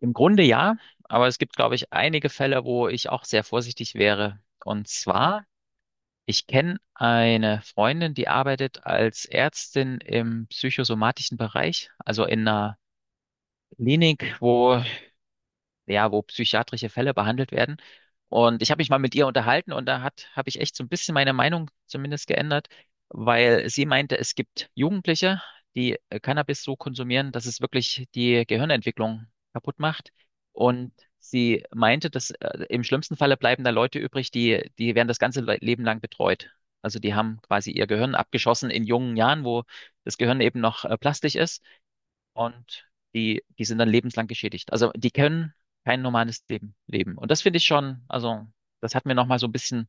Im Grunde ja, aber es gibt, glaube ich, einige Fälle, wo ich auch sehr vorsichtig wäre. Und zwar, ich kenne eine Freundin, die arbeitet als Ärztin im psychosomatischen Bereich, also in einer Klinik, wo psychiatrische Fälle behandelt werden. Und ich habe mich mal mit ihr unterhalten, und da habe ich echt so ein bisschen meine Meinung zumindest geändert, weil sie meinte, es gibt Jugendliche, die Cannabis so konsumieren, dass es wirklich die Gehirnentwicklung kaputt macht. Und sie meinte, dass im schlimmsten Falle bleiben da Leute übrig die werden das ganze Leben lang betreut. Also die haben quasi ihr Gehirn abgeschossen in jungen Jahren, wo das Gehirn eben noch plastisch ist, und die sind dann lebenslang geschädigt. Also die können kein normales Leben leben. Und das finde ich schon, also das hat mir nochmal so ein bisschen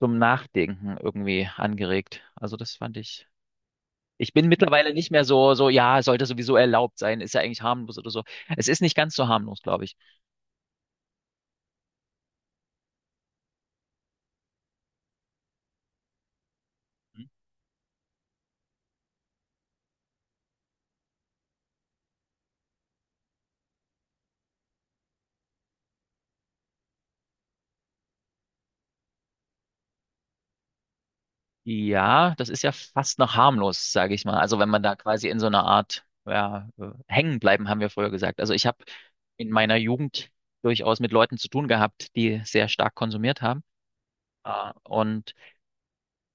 zum Nachdenken irgendwie angeregt. Also das fand ich. Ich bin mittlerweile nicht mehr so, ja, sollte sowieso erlaubt sein, ist ja eigentlich harmlos oder so. Es ist nicht ganz so harmlos, glaube ich. Ja, das ist ja fast noch harmlos, sage ich mal. Also wenn man da quasi in so einer Art, ja, hängen bleiben, haben wir früher gesagt. Also ich habe in meiner Jugend durchaus mit Leuten zu tun gehabt, die sehr stark konsumiert haben. Ah, und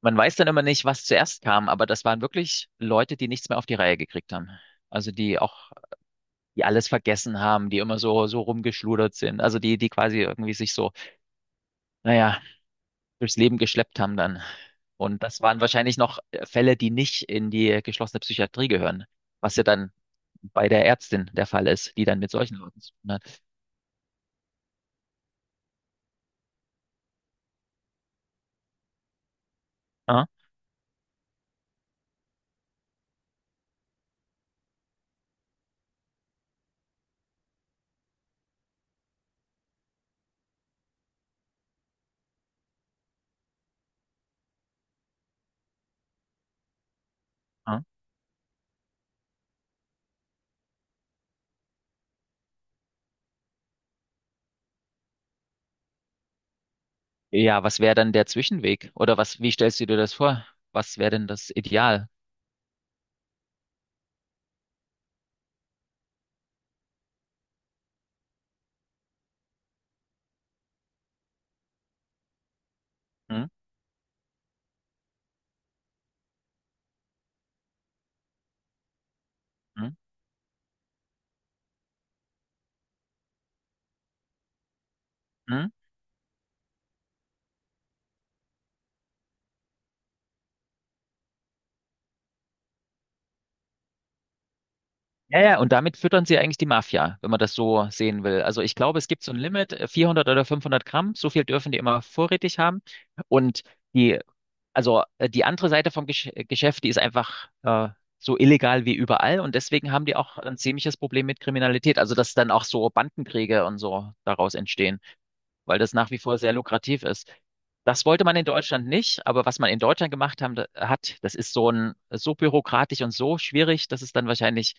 man weiß dann immer nicht, was zuerst kam, aber das waren wirklich Leute, die nichts mehr auf die Reihe gekriegt haben. Also die auch, die alles vergessen haben, die immer so rumgeschludert sind. Also die quasi irgendwie sich so, naja, durchs Leben geschleppt haben dann. Und das waren wahrscheinlich noch Fälle, die nicht in die geschlossene Psychiatrie gehören, was ja dann bei der Ärztin der Fall ist, die dann mit solchen Leuten zu tun hat. Ah, ah. Ja, was wäre dann der Zwischenweg? Oder was, wie stellst du dir das vor? Was wäre denn das Ideal? Hm? Hm? Hm? Ja, ja, und damit füttern sie eigentlich die Mafia, wenn man das so sehen will. Also ich glaube, es gibt so ein Limit, 400 oder 500 Gramm, so viel dürfen die immer vorrätig haben. Und die, also die andere Seite vom Geschäft, die ist einfach so illegal wie überall. Und deswegen haben die auch ein ziemliches Problem mit Kriminalität. Also dass dann auch so Bandenkriege und so daraus entstehen, weil das nach wie vor sehr lukrativ ist. Das wollte man in Deutschland nicht, aber was man in Deutschland gemacht hat, das ist so ein, so bürokratisch und so schwierig, dass es dann wahrscheinlich,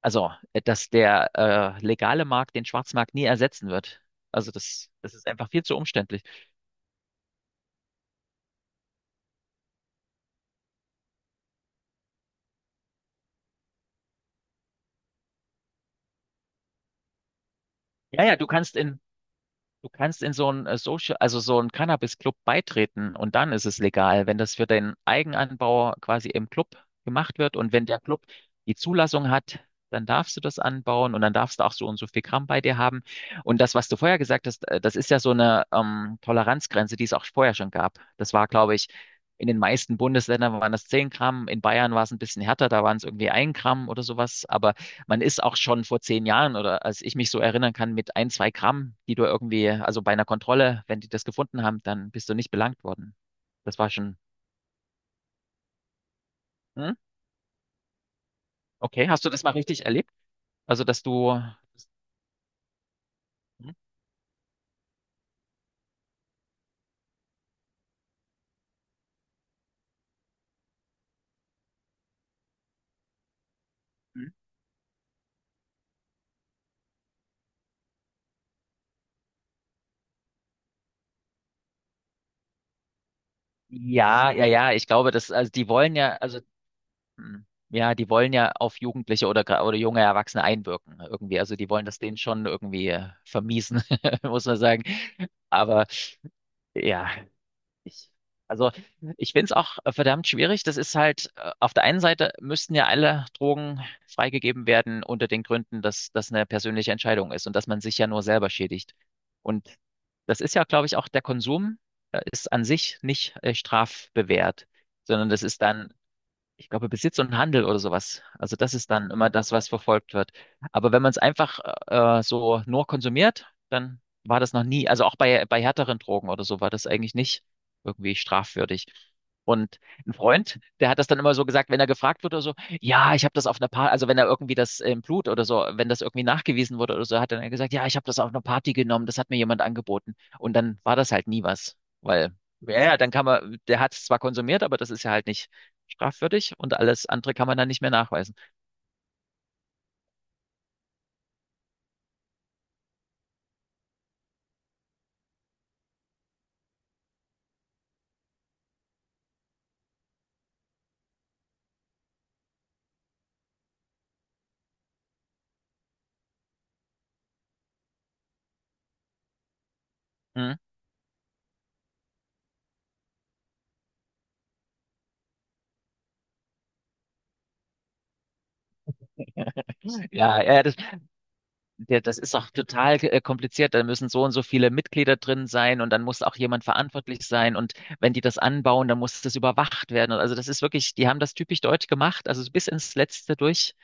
also, dass der legale Markt den Schwarzmarkt nie ersetzen wird. Also das, das ist einfach viel zu umständlich. Ja, ja. Du kannst in so einen also so einen Cannabis-Club beitreten, und dann ist es legal, wenn das für den Eigenanbauer quasi im Club gemacht wird und wenn der Club die Zulassung hat, dann darfst du das anbauen, und dann darfst du auch so und so viel Gramm bei dir haben. Und das, was du vorher gesagt hast, das ist ja so eine Toleranzgrenze, die es auch vorher schon gab. Das war, glaube ich, in den meisten Bundesländern waren das 10 Gramm, in Bayern war es ein bisschen härter, da waren es irgendwie ein Gramm oder sowas, aber man ist auch schon vor 10 Jahren, oder als ich mich so erinnern kann, mit ein, zwei Gramm, die du irgendwie, also bei einer Kontrolle, wenn die das gefunden haben, dann bist du nicht belangt worden. Das war schon, hm? Okay, hast du das mal richtig erlebt? Also, dass du, hm? Hm? Ja, ja, ja, ich glaube, das, also die wollen ja, also, hm, ja, die wollen ja auf Jugendliche oder, gra- oder junge Erwachsene einwirken irgendwie. Also, die wollen das denen schon irgendwie vermiesen, muss man sagen. Aber ja. Ich, also ich finde es auch verdammt schwierig. Das ist halt, auf der einen Seite müssten ja alle Drogen freigegeben werden unter den Gründen, dass das eine persönliche Entscheidung ist und dass man sich ja nur selber schädigt. Und das ist ja, glaube ich, auch der Konsum ist an sich nicht strafbewehrt, sondern das ist dann, ich glaube, Besitz und Handel oder sowas. Also das ist dann immer das, was verfolgt wird. Aber wenn man es einfach so nur konsumiert, dann war das noch nie, also auch bei härteren Drogen oder so war das eigentlich nicht irgendwie strafwürdig. Und ein Freund, der hat das dann immer so gesagt, wenn er gefragt wurde oder so, ja, ich habe das auf einer Party, also wenn er irgendwie das im Blut oder so, wenn das irgendwie nachgewiesen wurde oder so, hat dann er gesagt, ja, ich habe das auf einer Party genommen, das hat mir jemand angeboten. Und dann war das halt nie was, weil, ja, ja, dann kann man, der hat es zwar konsumiert, aber das ist ja halt nicht strafwürdig, und alles andere kann man dann nicht mehr nachweisen. Hm? Ja, ja, das ist auch total kompliziert. Da müssen so und so viele Mitglieder drin sein, und dann muss auch jemand verantwortlich sein, und wenn die das anbauen, dann muss das überwacht werden. Also das ist wirklich, die haben das typisch deutsch gemacht, also bis ins Letzte durch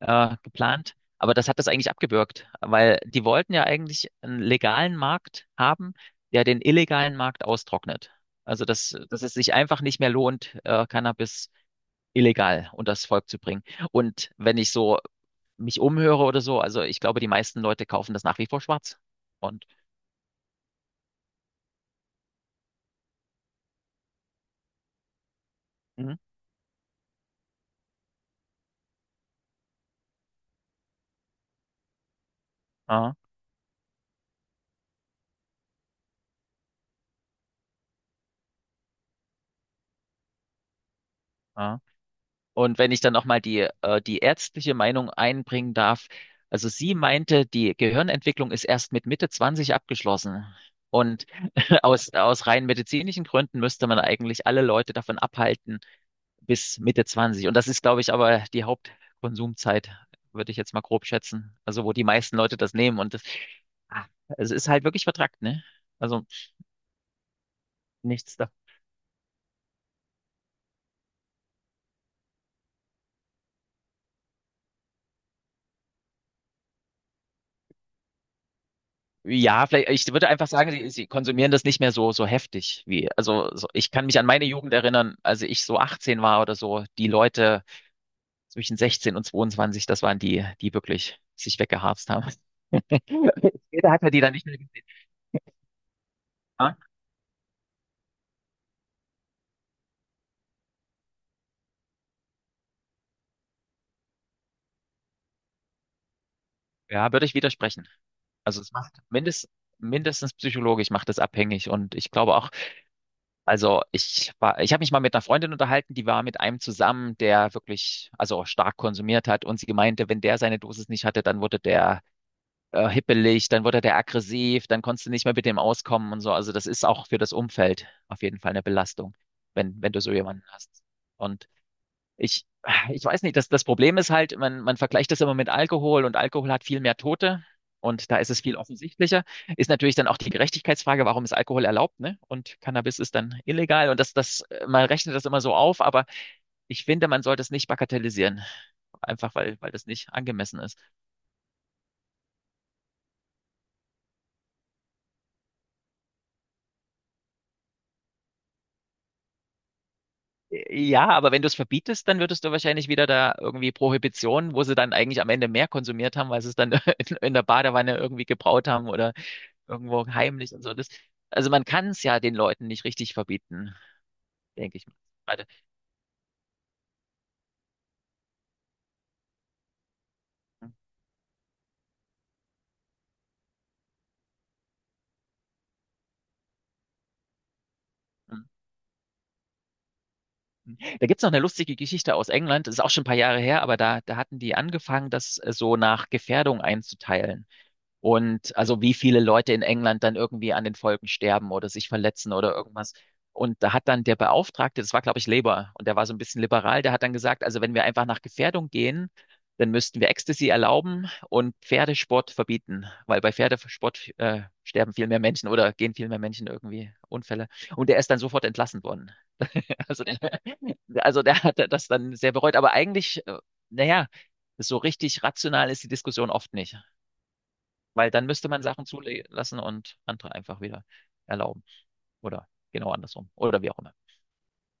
geplant. Aber das hat das eigentlich abgebürgt, weil die wollten ja eigentlich einen legalen Markt haben, der den illegalen Markt austrocknet. Also dass es sich einfach nicht mehr lohnt, Cannabis illegal unter das Volk zu bringen. Und wenn ich so mich umhöre oder so, also ich glaube, die meisten Leute kaufen das nach wie vor schwarz. Und, mhm, ah, ah. Und wenn ich dann nochmal die, die ärztliche Meinung einbringen darf, also sie meinte, die Gehirnentwicklung ist erst mit Mitte 20 abgeschlossen. Und aus rein medizinischen Gründen müsste man eigentlich alle Leute davon abhalten, bis Mitte Zwanzig. Und das ist, glaube ich, aber die Hauptkonsumzeit, würde ich jetzt mal grob schätzen. Also, wo die meisten Leute das nehmen. Und das, ah, es ist halt wirklich vertrackt, ne? Also, nichts da. Ja, vielleicht, ich würde einfach sagen, sie konsumieren das nicht mehr so, heftig wie, also, so, ich kann mich an meine Jugend erinnern, als ich so 18 war oder so, die Leute zwischen 16 und 22, das waren die, die wirklich sich weggeharzt haben. Später hat man die dann nicht mehr gesehen. Ja, ja, würde ich widersprechen. Also es macht mindestens psychologisch macht es abhängig, und ich glaube auch, also ich habe mich mal mit einer Freundin unterhalten, die war mit einem zusammen, der wirklich, also stark konsumiert hat, und sie meinte, wenn der seine Dosis nicht hatte, dann wurde der hippelig, dann wurde der aggressiv, dann konntest du nicht mehr mit dem auskommen und so. Also das ist auch für das Umfeld auf jeden Fall eine Belastung, wenn du so jemanden hast. Und ich, ich weiß nicht, das Problem ist halt, man vergleicht das immer mit Alkohol, und Alkohol hat viel mehr Tote, und da ist es viel offensichtlicher. Ist natürlich dann auch die Gerechtigkeitsfrage, warum ist Alkohol erlaubt, ne? Und Cannabis ist dann illegal, und das, man rechnet das immer so auf, aber ich finde, man sollte es nicht bagatellisieren, einfach weil das nicht angemessen ist. Ja, aber wenn du es verbietest, dann würdest du wahrscheinlich wieder da irgendwie Prohibition, wo sie dann eigentlich am Ende mehr konsumiert haben, weil sie es dann in der Badewanne irgendwie gebraut haben oder irgendwo heimlich und so. Das, also man kann es ja den Leuten nicht richtig verbieten, denke ich mal. Warte. Da gibt's noch eine lustige Geschichte aus England, das ist auch schon ein paar Jahre her, aber da hatten die angefangen, das so nach Gefährdung einzuteilen. Und also wie viele Leute in England dann irgendwie an den Folgen sterben oder sich verletzen oder irgendwas. Und da hat dann der Beauftragte, das war, glaube ich, Labour, und der war so ein bisschen liberal, der hat dann gesagt, also wenn wir einfach nach Gefährdung gehen, dann müssten wir Ecstasy erlauben und Pferdesport verbieten, weil bei Pferdesport sterben viel mehr Menschen, oder gehen viel mehr Menschen irgendwie Unfälle. Und der ist dann sofort entlassen worden. Also, der hat das dann sehr bereut. Aber eigentlich, naja, so richtig rational ist die Diskussion oft nicht. Weil dann müsste man Sachen zulassen und andere einfach wieder erlauben. Oder genau andersrum. Oder wie auch immer.